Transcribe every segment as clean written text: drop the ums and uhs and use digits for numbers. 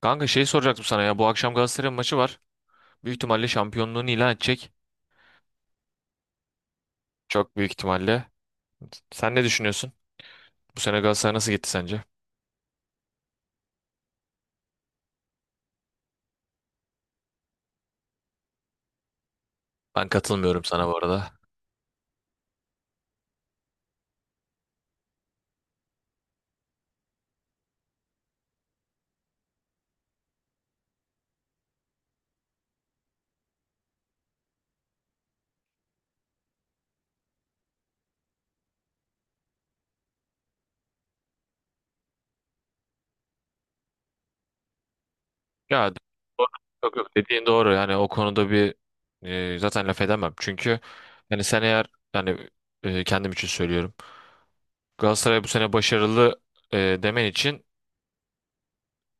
Kanka soracaktım sana ya. Bu akşam Galatasaray maçı var. Büyük ihtimalle şampiyonluğunu ilan edecek. Çok büyük ihtimalle. Sen ne düşünüyorsun? Bu sene Galatasaray nasıl gitti sence? Ben katılmıyorum sana bu arada. Ya doğru. Yok yok, dediğin doğru. Yani o konuda bir zaten laf edemem. Çünkü yani sen eğer yani kendim için söylüyorum. Galatasaray bu sene başarılı demen için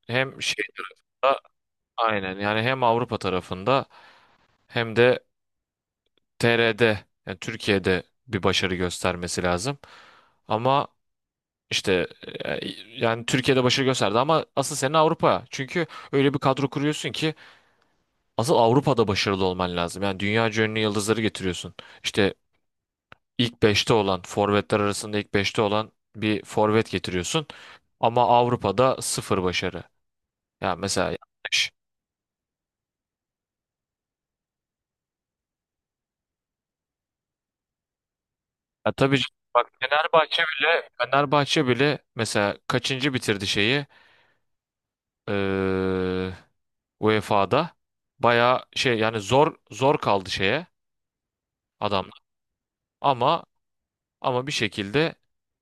hem aynen yani hem Avrupa tarafında hem de TR'de yani Türkiye'de bir başarı göstermesi lazım. Ama işte e, yani Türkiye'de başarı gösterdi ama asıl senin Avrupa. Çünkü öyle bir kadro kuruyorsun ki asıl Avrupa'da başarılı olman lazım. Yani dünya ünlü yıldızları getiriyorsun. İşte ilk beşte olan forvetler arasında ilk beşte olan bir forvet getiriyorsun. Ama Avrupa'da sıfır başarı. Yani mesela yanlış. Ya tabii ki- bak Fenerbahçe bile mesela kaçıncı bitirdi şeyi? Ee, UEFA'da bayağı şey yani zor kaldı şeye adamlar. Ama ama bir şekilde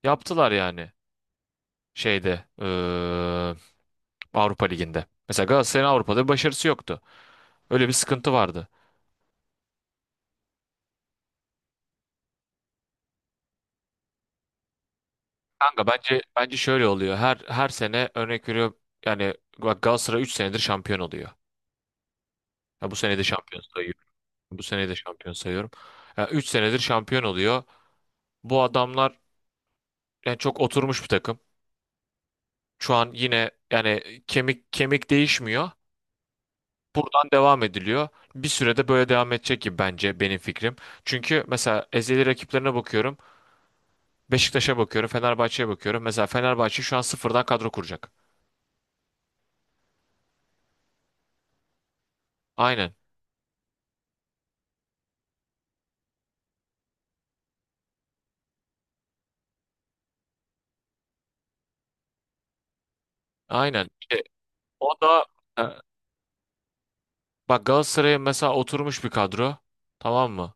yaptılar yani şeyde Avrupa Ligi'nde. Mesela Galatasaray'ın Avrupa'da bir başarısı yoktu. Öyle bir sıkıntı vardı. Kanka bence şöyle oluyor. Her sene örnek veriyorum yani bak Galatasaray 3 senedir şampiyon oluyor. Ya bu sene de şampiyon sayıyorum. Bu sene de şampiyon sayıyorum. Ya 3 senedir şampiyon oluyor. Bu adamlar yani çok oturmuş bir takım. Şu an yine yani kemik kemik değişmiyor. Buradan devam ediliyor. Bir sürede böyle devam edecek gibi bence benim fikrim. Çünkü mesela ezeli rakiplerine bakıyorum. Beşiktaş'a bakıyorum, Fenerbahçe'ye bakıyorum. Mesela Fenerbahçe şu an sıfırdan kadro kuracak. Aynen. Aynen. İşte o da e, bak Galatasaray'a mesela oturmuş bir kadro. Tamam mı?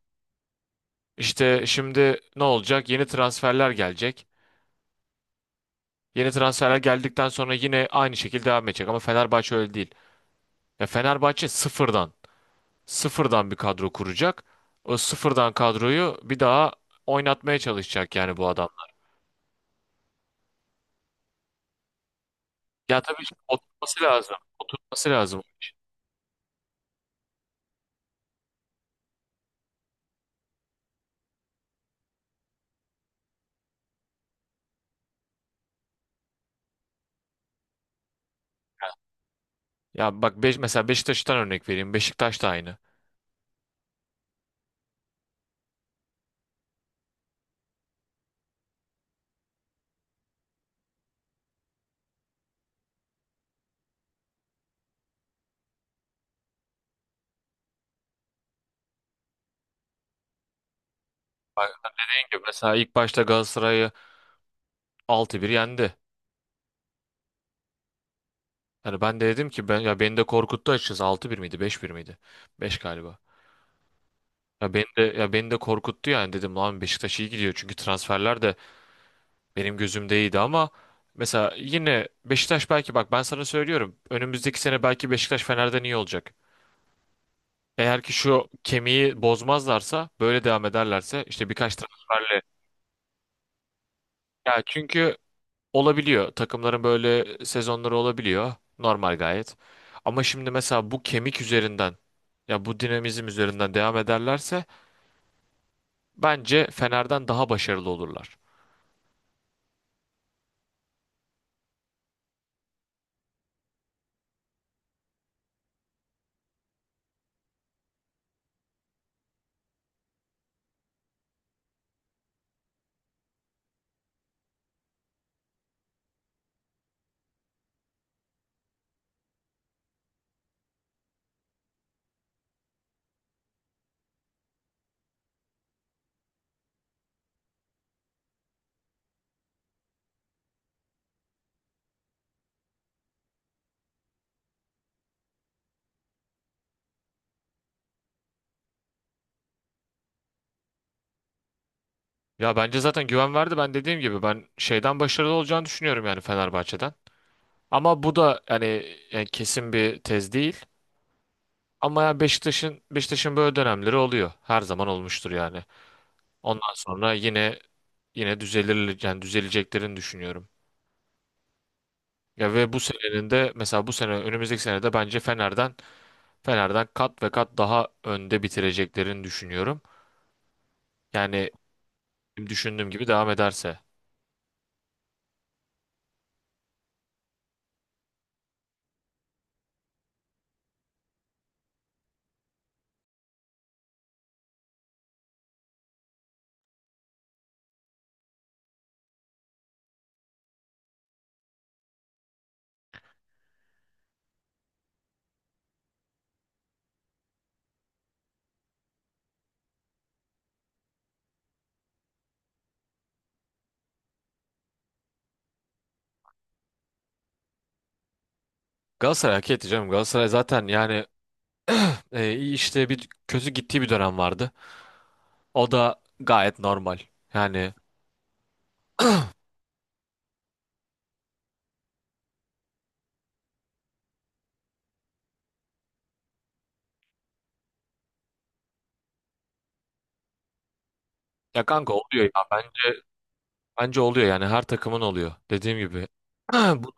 İşte şimdi ne olacak? Yeni transferler gelecek. Yeni transferler geldikten sonra yine aynı şekilde devam edecek ama Fenerbahçe öyle değil. Ya Fenerbahçe sıfırdan, sıfırdan bir kadro kuracak. O sıfırdan kadroyu bir daha oynatmaya çalışacak yani bu adam. Ya tabii şimdi oturması lazım. Oturması lazım. Ya mesela Beşiktaş'tan örnek vereyim. Beşiktaş da aynı. Bak dediğim mesela ilk başta Galatasaray'ı altı bir yendi. Yani ben de dedim ki ya beni de korkuttu açıkçası altı bir miydi beş bir miydi? Beş galiba. Ya beni de korkuttu yani dedim lan Beşiktaş iyi gidiyor çünkü transferler de benim gözümde iyiydi ama mesela yine Beşiktaş belki bak ben sana söylüyorum önümüzdeki sene belki Beşiktaş Fener'den iyi olacak. Eğer ki şu kemiği bozmazlarsa böyle devam ederlerse işte birkaç transferle. Ya çünkü olabiliyor, takımların böyle sezonları olabiliyor normal gayet. Ama şimdi mesela bu kemik üzerinden ya bu dinamizm üzerinden devam ederlerse bence Fener'den daha başarılı olurlar. Ya bence zaten güven verdi, ben dediğim gibi ben şeyden başarılı olacağını düşünüyorum yani Fenerbahçe'den. Ama bu da hani yani kesin bir tez değil. Ama yani Beşiktaş'ın böyle dönemleri oluyor. Her zaman olmuştur yani. Ondan sonra yine düzelir yani düzeleceklerini düşünüyorum. Ya ve bu senenin de mesela bu sene önümüzdeki sene de bence Fener'den kat ve kat daha önde bitireceklerini düşünüyorum. Yani düşündüğüm gibi devam ederse. Galatasaray hak etti canım. Galatasaray zaten yani iyi işte bir kötü gittiği bir dönem vardı. O da gayet normal. Yani kanka oluyor ya bence, bence oluyor yani her takımın oluyor. Dediğim gibi. Bu-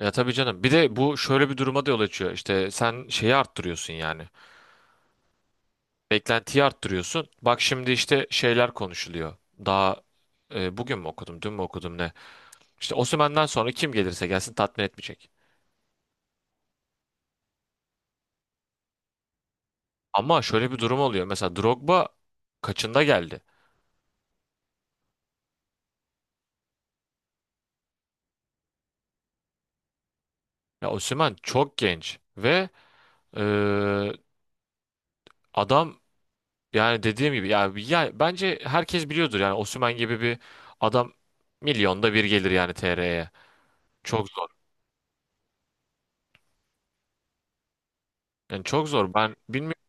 ya tabii canım. Bir de bu şöyle bir duruma da yol açıyor. İşte sen şeyi arttırıyorsun yani. Beklentiyi arttırıyorsun. Bak şimdi işte şeyler konuşuluyor. Daha bugün mü okudum, dün mü okudum ne? İşte Osimhen'den sonra kim gelirse gelsin tatmin etmeyecek. Ama şöyle bir durum oluyor. Mesela Drogba kaçında geldi? Ya Osimhen çok genç ve e, adam, yani dediğim gibi ya bence herkes biliyordur yani Osimhen gibi bir adam milyonda bir gelir yani TR'ye. Çok zor. Yani çok zor. Ben bilmiyorum.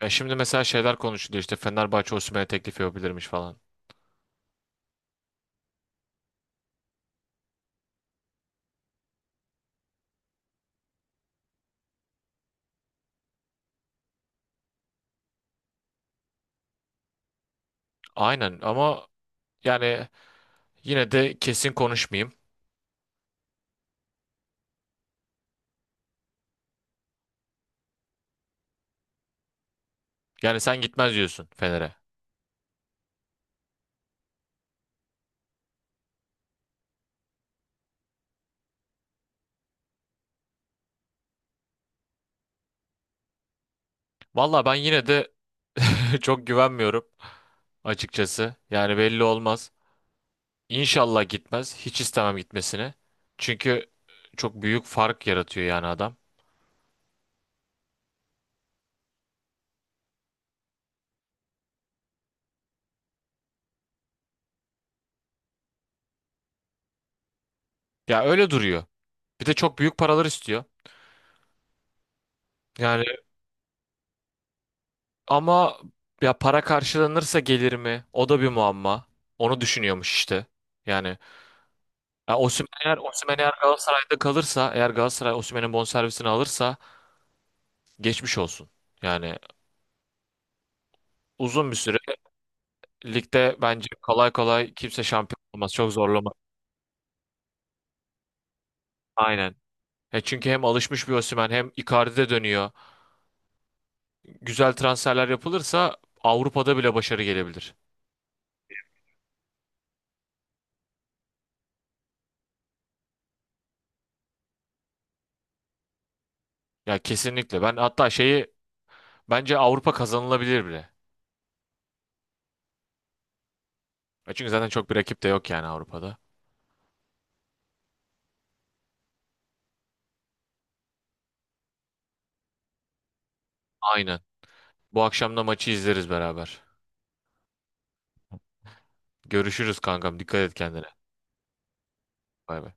Ya şimdi mesela şeyler konuşuluyor işte Fenerbahçe Osimhen'e teklif yapabilirmiş falan. Aynen ama yani yine de kesin konuşmayayım. Yani sen gitmez diyorsun Fener'e. Valla ben yine de çok güvenmiyorum açıkçası. Yani belli olmaz. İnşallah gitmez. Hiç istemem gitmesini. Çünkü çok büyük fark yaratıyor yani adam. Ya öyle duruyor. Bir de çok büyük paralar istiyor. Yani ama ya para karşılanırsa gelir mi? O da bir muamma. Onu düşünüyormuş işte. Yani ya Osimhen eğer Galatasaray'da kalırsa, eğer Galatasaray Osimhen'in bonservisini alırsa geçmiş olsun. Yani uzun bir süre ligde bence kolay kolay kimse şampiyon olmaz. Çok zorlama. Aynen. Ya çünkü hem alışmış bir Osimhen hem Icardi'de dönüyor. Güzel transferler yapılırsa Avrupa'da bile başarı gelebilir. Ya kesinlikle. Ben hatta bence Avrupa kazanılabilir bile. E çünkü zaten çok bir rakip de yok yani Avrupa'da. Aynen. Bu akşam da maçı izleriz beraber. Görüşürüz kankam. Dikkat et kendine. Bay bay.